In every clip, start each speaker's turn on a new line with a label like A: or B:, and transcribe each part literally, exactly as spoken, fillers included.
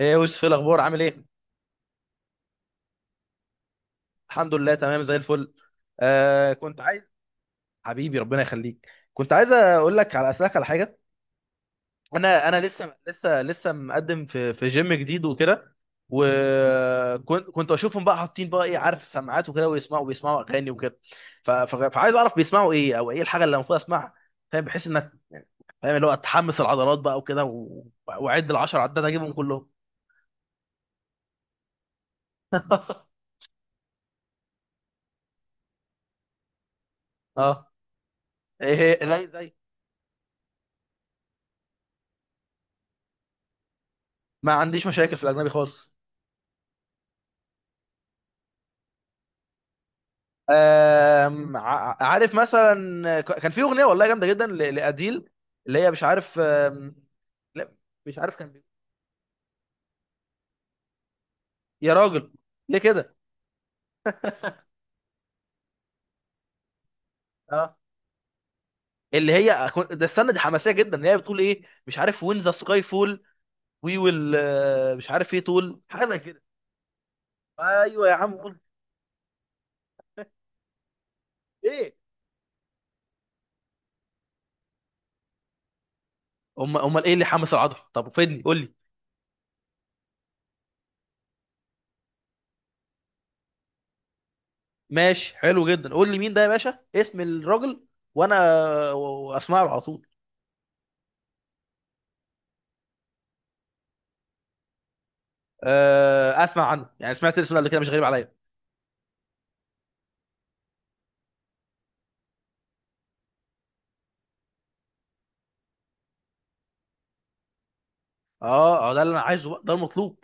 A: ايه يا يوسف، ايه الاخبار؟ عامل ايه؟ الحمد لله، تمام زي الفل. آه، كنت عايز. حبيبي، ربنا يخليك. كنت عايز اقول لك على اسالك على حاجه. انا انا لسه لسه لسه مقدم في في جيم جديد وكده. وكنت كنت اشوفهم بقى حاطين بقى ايه، عارف، سماعات وكده ويسمعوا بيسمعوا اغاني وكده. ف- ف- فعايز اعرف بيسمعوا ايه، او ايه الحاجه اللي المفروض اسمعها؟ فاهم، بحيث انك فاهم اللي هو تحمس العضلات بقى وكده، و- واعد العشر عدات اجيبهم كلهم. اه، ايه. إيه، زي زي. ما عنديش مشاكل في الاجنبي خالص. آم، ع- عارف مثلا، ك- كان في اغنيه والله جامده جدا ل- لاديل، اللي هي مش عارف، آم، لا، مش عارف، كان بيقول. يا راجل، ليه كده؟ اه، اللي هي أكون- ده استنى، دي حماسيه جدا، اللي هي بتقول ايه، مش عارف، وين ذا سكاي فول وي ويل، مش عارف ايه، طول حاجه زي كده. ايوه يا عم قول، ايه. امال، امال ايه اللي حمس العضله؟ طب فدني قول لي. ماشي، حلو جدا، قول لي مين ده يا باشا؟ اسم الراجل. وانا و- واسمعه على طول. آه، اسمع عنه يعني، سمعت الاسم ده قبل كده، مش غريب عليا. اه، اه، ده اللي انا عايزه بقى، ده المطلوب.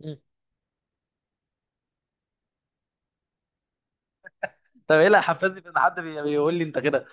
A: مم. طب ايه اللي حفزني في ان حد بي- بيقول لي انت كده؟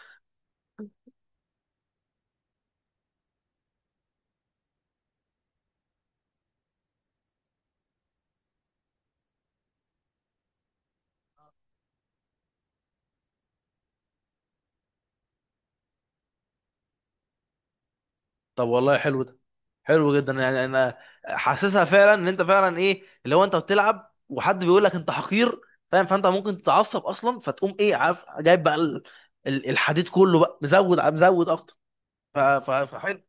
A: طب والله حلو ده، حلو جدا يعني. انا حاسسها فعلا، ان انت فعلا ايه اللي هو انت بتلعب وحد بيقول لك انت حقير، فاهم؟ فانت ممكن تتعصب اصلا، فتقوم ايه، عارف، جايب بقى ال- ال- الحديد كله بقى، مزود مزود اكتر. ف- ف- فحلو.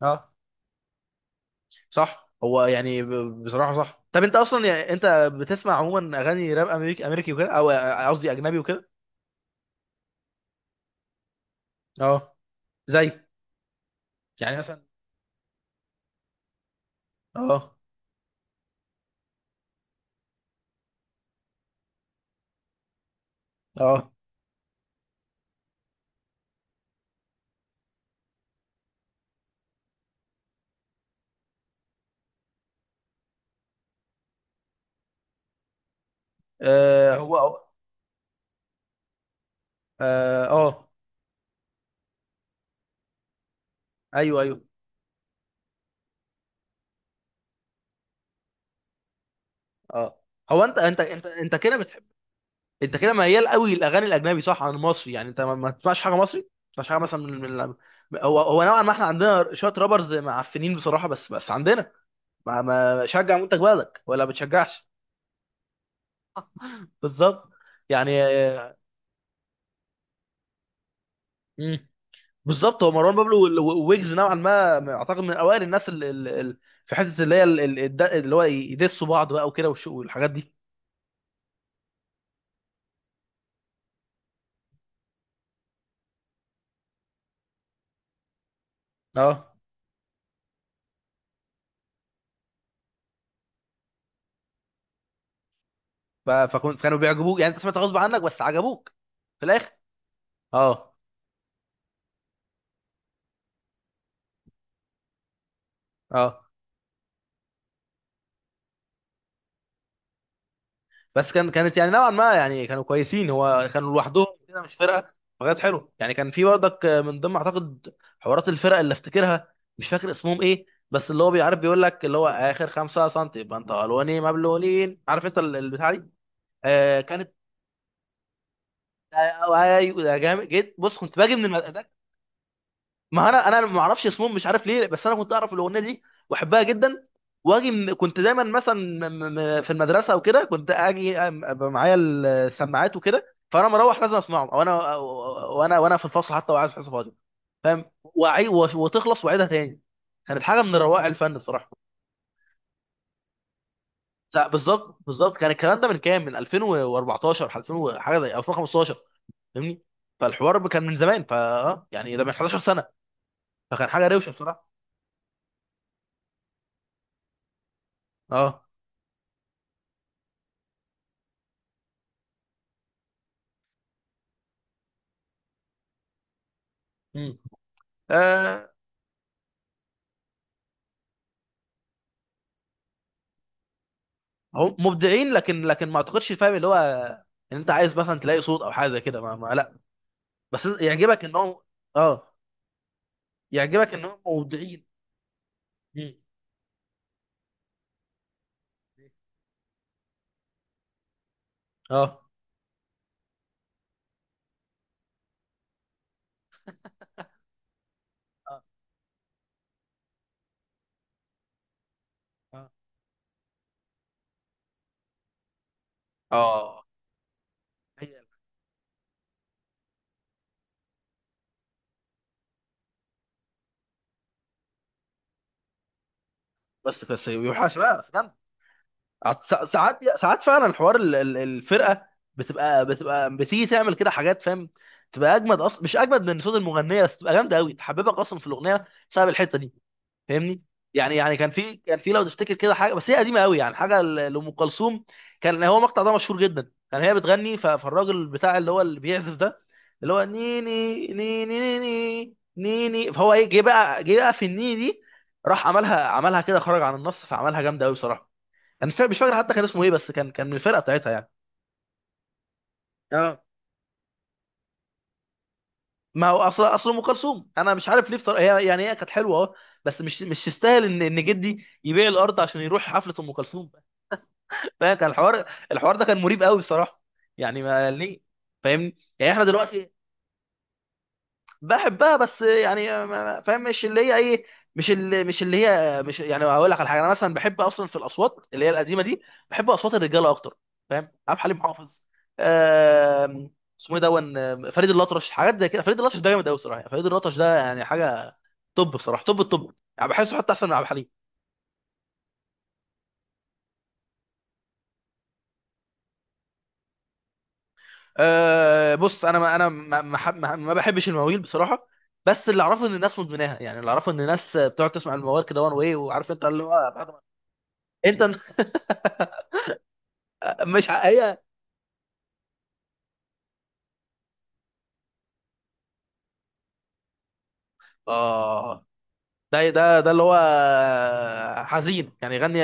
A: اه، صح. هو يعني ب- بصراحه صح. طب انت اصلا يعني انت بتسمع عموما اغاني راب امريكي امريكي وكده، او قصدي اجنبي وكده؟ اه، زي يعني مثلا. اه. اه، آه، هو اه آه، ايوه ايوه، اه. هو انت انت انت انت كده بتحب، انت كده ميال قوي للاغاني الاجنبي صح، عن المصري؟ يعني انت ما ما تسمعش حاجه مصري، ما تسمعش حاجه مثلا من من. هو هو نوعا ما احنا عندنا شويه رابرز معفنين بصراحه، بس بس عندنا، ما ما شجع منتج بلدك ولا بتشجعش؟ بالظبط، يعني آه. مم. بالظبط، هو مروان بابلو وال- وويجز نوعا ما اعتقد من اوائل الناس اللي في حته اللي هي ال- ال- الد- اللي هو يدسوا بعض بقى وكده، والش- والحاجات دي. اه، ف- فكنت كانوا بيعجبوك يعني، انت سمعت غصب عنك بس عجبوك في الاخر؟ اه، اه. بس كان كانت يعني نوعا ما، يعني كانوا كويسين، هو كانوا لوحدهم كده مش فرقه. فكانت حلوه يعني، كان في برضك من ضمن اعتقد حوارات الفرق اللي افتكرها، مش فاكر اسمهم ايه، بس اللي هو بيعرف، بيقول لك اللي هو اخر خمسة سم يبقى انت الواني مبلولين، عارف انت ال- البتاع دي. آه كانت. آه، آه، أيوة، يا جامد جد. بص، كنت باجي من المدرسه. ما انا انا ما اعرفش اسمهم مش عارف ليه، بس انا كنت اعرف الاغنيه دي واحبها جدا. واجي من، كنت دايما مثلا م- م- في المدرسه وكده، كنت اجي أم- أبقى معايا السماعات وكده، فانا مروح لازم اسمعهم، او انا وانا وانا في الفصل حتى وقاعد في حصه فاضيه، فاهم، وأعي- وتخلص واعيدها تاني. كانت حاجه من روائع الفن بصراحه. لا، بالظبط، بالظبط كان الكلام ده من كام؟ من الفين واربعتاشر، الفين وحاجه، زي الفين وخمستاشر. فاهمني، فالحوار كان من زمان، فا آه، يعني ده من حداشر سنه، فكان حاجه روشه بصراحه. اه، آه. هم مبدعين، لكن لكن ما اعتقدش، فاهم اللي هو، ان انت عايز مثلا تلاقي صوت او حاجه زي كده، ما, ما لا، بس يعجبك انهم. اه، يعجبك انهم مبدعين. مم. اه، اه، اه، آه. هي. بس بس يوحش بقى، بس جامد. عط- سا- ساعات، ساعات فعلا الحوار ال- ال- الفرقه بتبقى بتبقى بتيجي تعمل كده حاجات، فاهم، تبقى اجمد اصلا، مش اجمد من صوت المغنيه بس تبقى جامده قوي، تحببك اصلا في الاغنيه بسبب الحته دي، فاهمني؟ يعني، يعني كان في، كان في لو تفتكر كده حاجه، بس هي قديمه قوي يعني، حاجه ل- لام كلثوم، كان هو المقطع ده مشهور جدا، كان هي بتغني، ف- فالراجل بتاع اللي هو اللي بيعزف ده، اللي هو نيني نيني نيني نيني، فهو ايه، جه بقى جه بقى في النيني دي، راح عملها، عملها كده، خرج عن النص، فعملها جامده قوي بصراحه. انا مش فا- مش فاكر حتى كان اسمه ايه، بس كان، كان من الفرقه بتاعتها يعني. اه. ما هو اصل، اصل ام كلثوم انا مش عارف ليه بصراحه، هي يعني هي كانت حلوه اه، بس مش مش تستاهل ان ان جدي يبيع الارض عشان يروح حفله ام كلثوم. فكان الحوار، الحوار ده كان مريب قوي بصراحه، يعني ما ليه. فاهمني يعني، احنا دلوقتي. بحبها، بس يعني ما- ما- فاهم مش اللي هي ايه، مش اللي مش اللي هي مش يعني، هقول لك على حاجه، انا مثلا بحب اصلا في الاصوات اللي هي القديمه دي، بحب اصوات الرجاله اكتر، فاهم. عبد الحليم حافظ، آم، اسمه ايه، دون، آم، فريد الأطرش، حاجات زي كده. فريد الأطرش ده جامد قوي صراحه، فريد الأطرش ده يعني حاجه توب بصراحه، توب التوب، يعني بحسه حتى احسن من عبد الحليم. أه، بص انا، ما انا ما ما, حب- ما ما بحبش المواويل بصراحه، بس اللي اعرفه ان الناس مدمناها، يعني اللي اعرفه ان الناس بتقعد تسمع الموال كده وان واي، وعارف انت اللي هو بعد ما انت. مش ع- هي، اه، ده ده ده اللي هو حزين يعني، يغني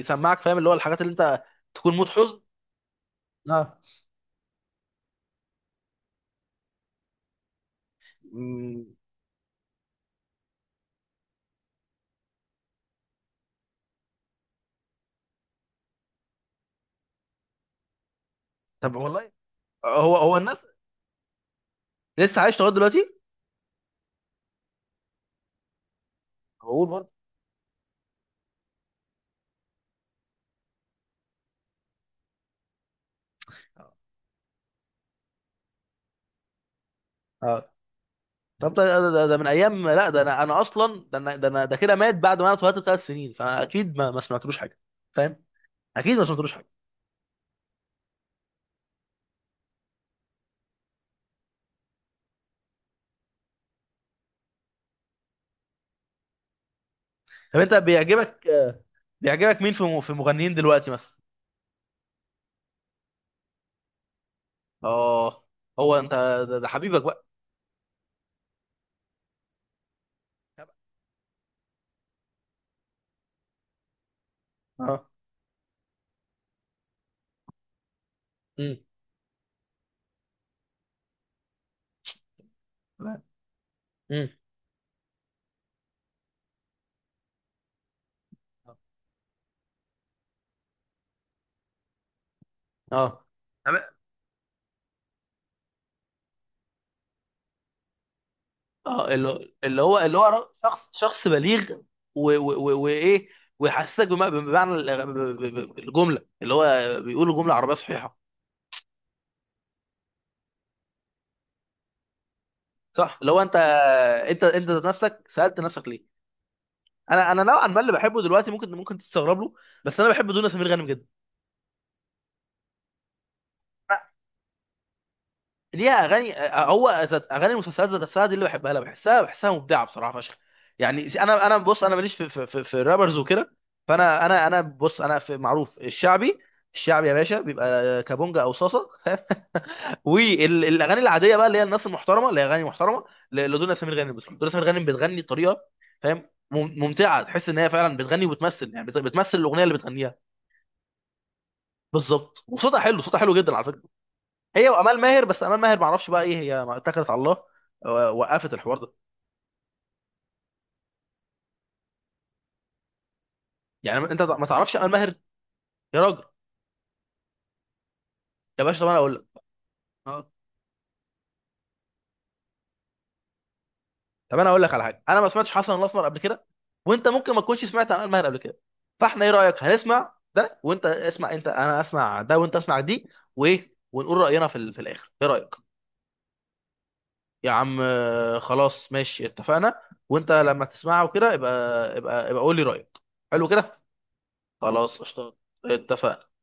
A: يسمعك، فاهم اللي هو الحاجات اللي انت تكون مود حزن. اه. مم. طب والله. هو هو الناس، لسه عايش لغايه دلوقتي؟ بقول برضه. اه. طب ده، ده, ده, ده من ايام، لا ده، انا انا اصلا، ده انا، ده, أنا ده كده مات بعد ما انا اتولدت بثلاث سنين، فاكيد ما, ما سمعتلوش حاجه، فاهم، اكيد ما سمعتلوش حاجه. طب انت بيعجبك آه، بيعجبك مين في في مغنيين دلوقتي مثلا؟ اه، هو انت، ده، ده حبيبك بقى. اه. امم. امم. اه. طب. اه، اللي اللي هو اللي هو ر- شخص، شخص بليغ. و- و- و- وايه، ويحسسك بم- بمعنى ال- ب- ب- ب- الجمله، اللي هو بيقول جمله عربيه صحيحه، صح. لو انت، انت انت ذات نفسك سالت نفسك ليه. انا انا نوعا ما اللي بحبه دلوقتي ممكن، ممكن تستغرب له، بس انا بحب دنيا سمير غانم جدا. أنا، ليها اغاني آه، هو ذات- اغاني المسلسلات ذات نفسها دي اللي بحبها، لا بحسها، بحسها مبدعه بصراحه فشخ، يعني. س- انا انا بص انا ماليش في في في, في الرابرز وكده، فانا، انا انا بص انا في معروف الشعبي. الشعبي يا باشا بيبقى كابونجا او صاصه. والاغاني العاديه بقى، اللي هي الناس المحترمه، اللي هي اغاني محترمه ل- لدنيا سمير غانم، بتروح دنيا سمير غانم بتغني بطريقه، فاهم، مم- ممتعه، تحس ان هي فعلا بتغني وبتمثل يعني، بت- بتمثل الاغنيه اللي بتغنيها. بالظبط. وصوتها حلو، صوتها حلو جدا على فكره. هي وامال ماهر، بس امال ماهر ما اعرفش بقى ايه، هي ما اتكلت على الله و- وقفت الحوار ده. يعني انت ما تعرفش امال ماهر؟ يا راجل. يا باشا، طب انا اقول لك، طب انا اقول لك على حاجه: انا ما سمعتش حسن الاسمر قبل كده، وانت ممكن ما تكونش سمعت عن الماهر قبل كده، فاحنا ايه رايك هنسمع ده، وانت اسمع انت، انا اسمع ده وانت اسمع دي، وايه ونقول راينا في ال- في الاخر، ايه رايك؟ يا عم آه، خلاص، ماشي، اتفقنا. وانت لما تسمعه كده يبقى، يبقى يبقى قول لي رايك. حلو كده. خلاص، قشطة. اتفقنا.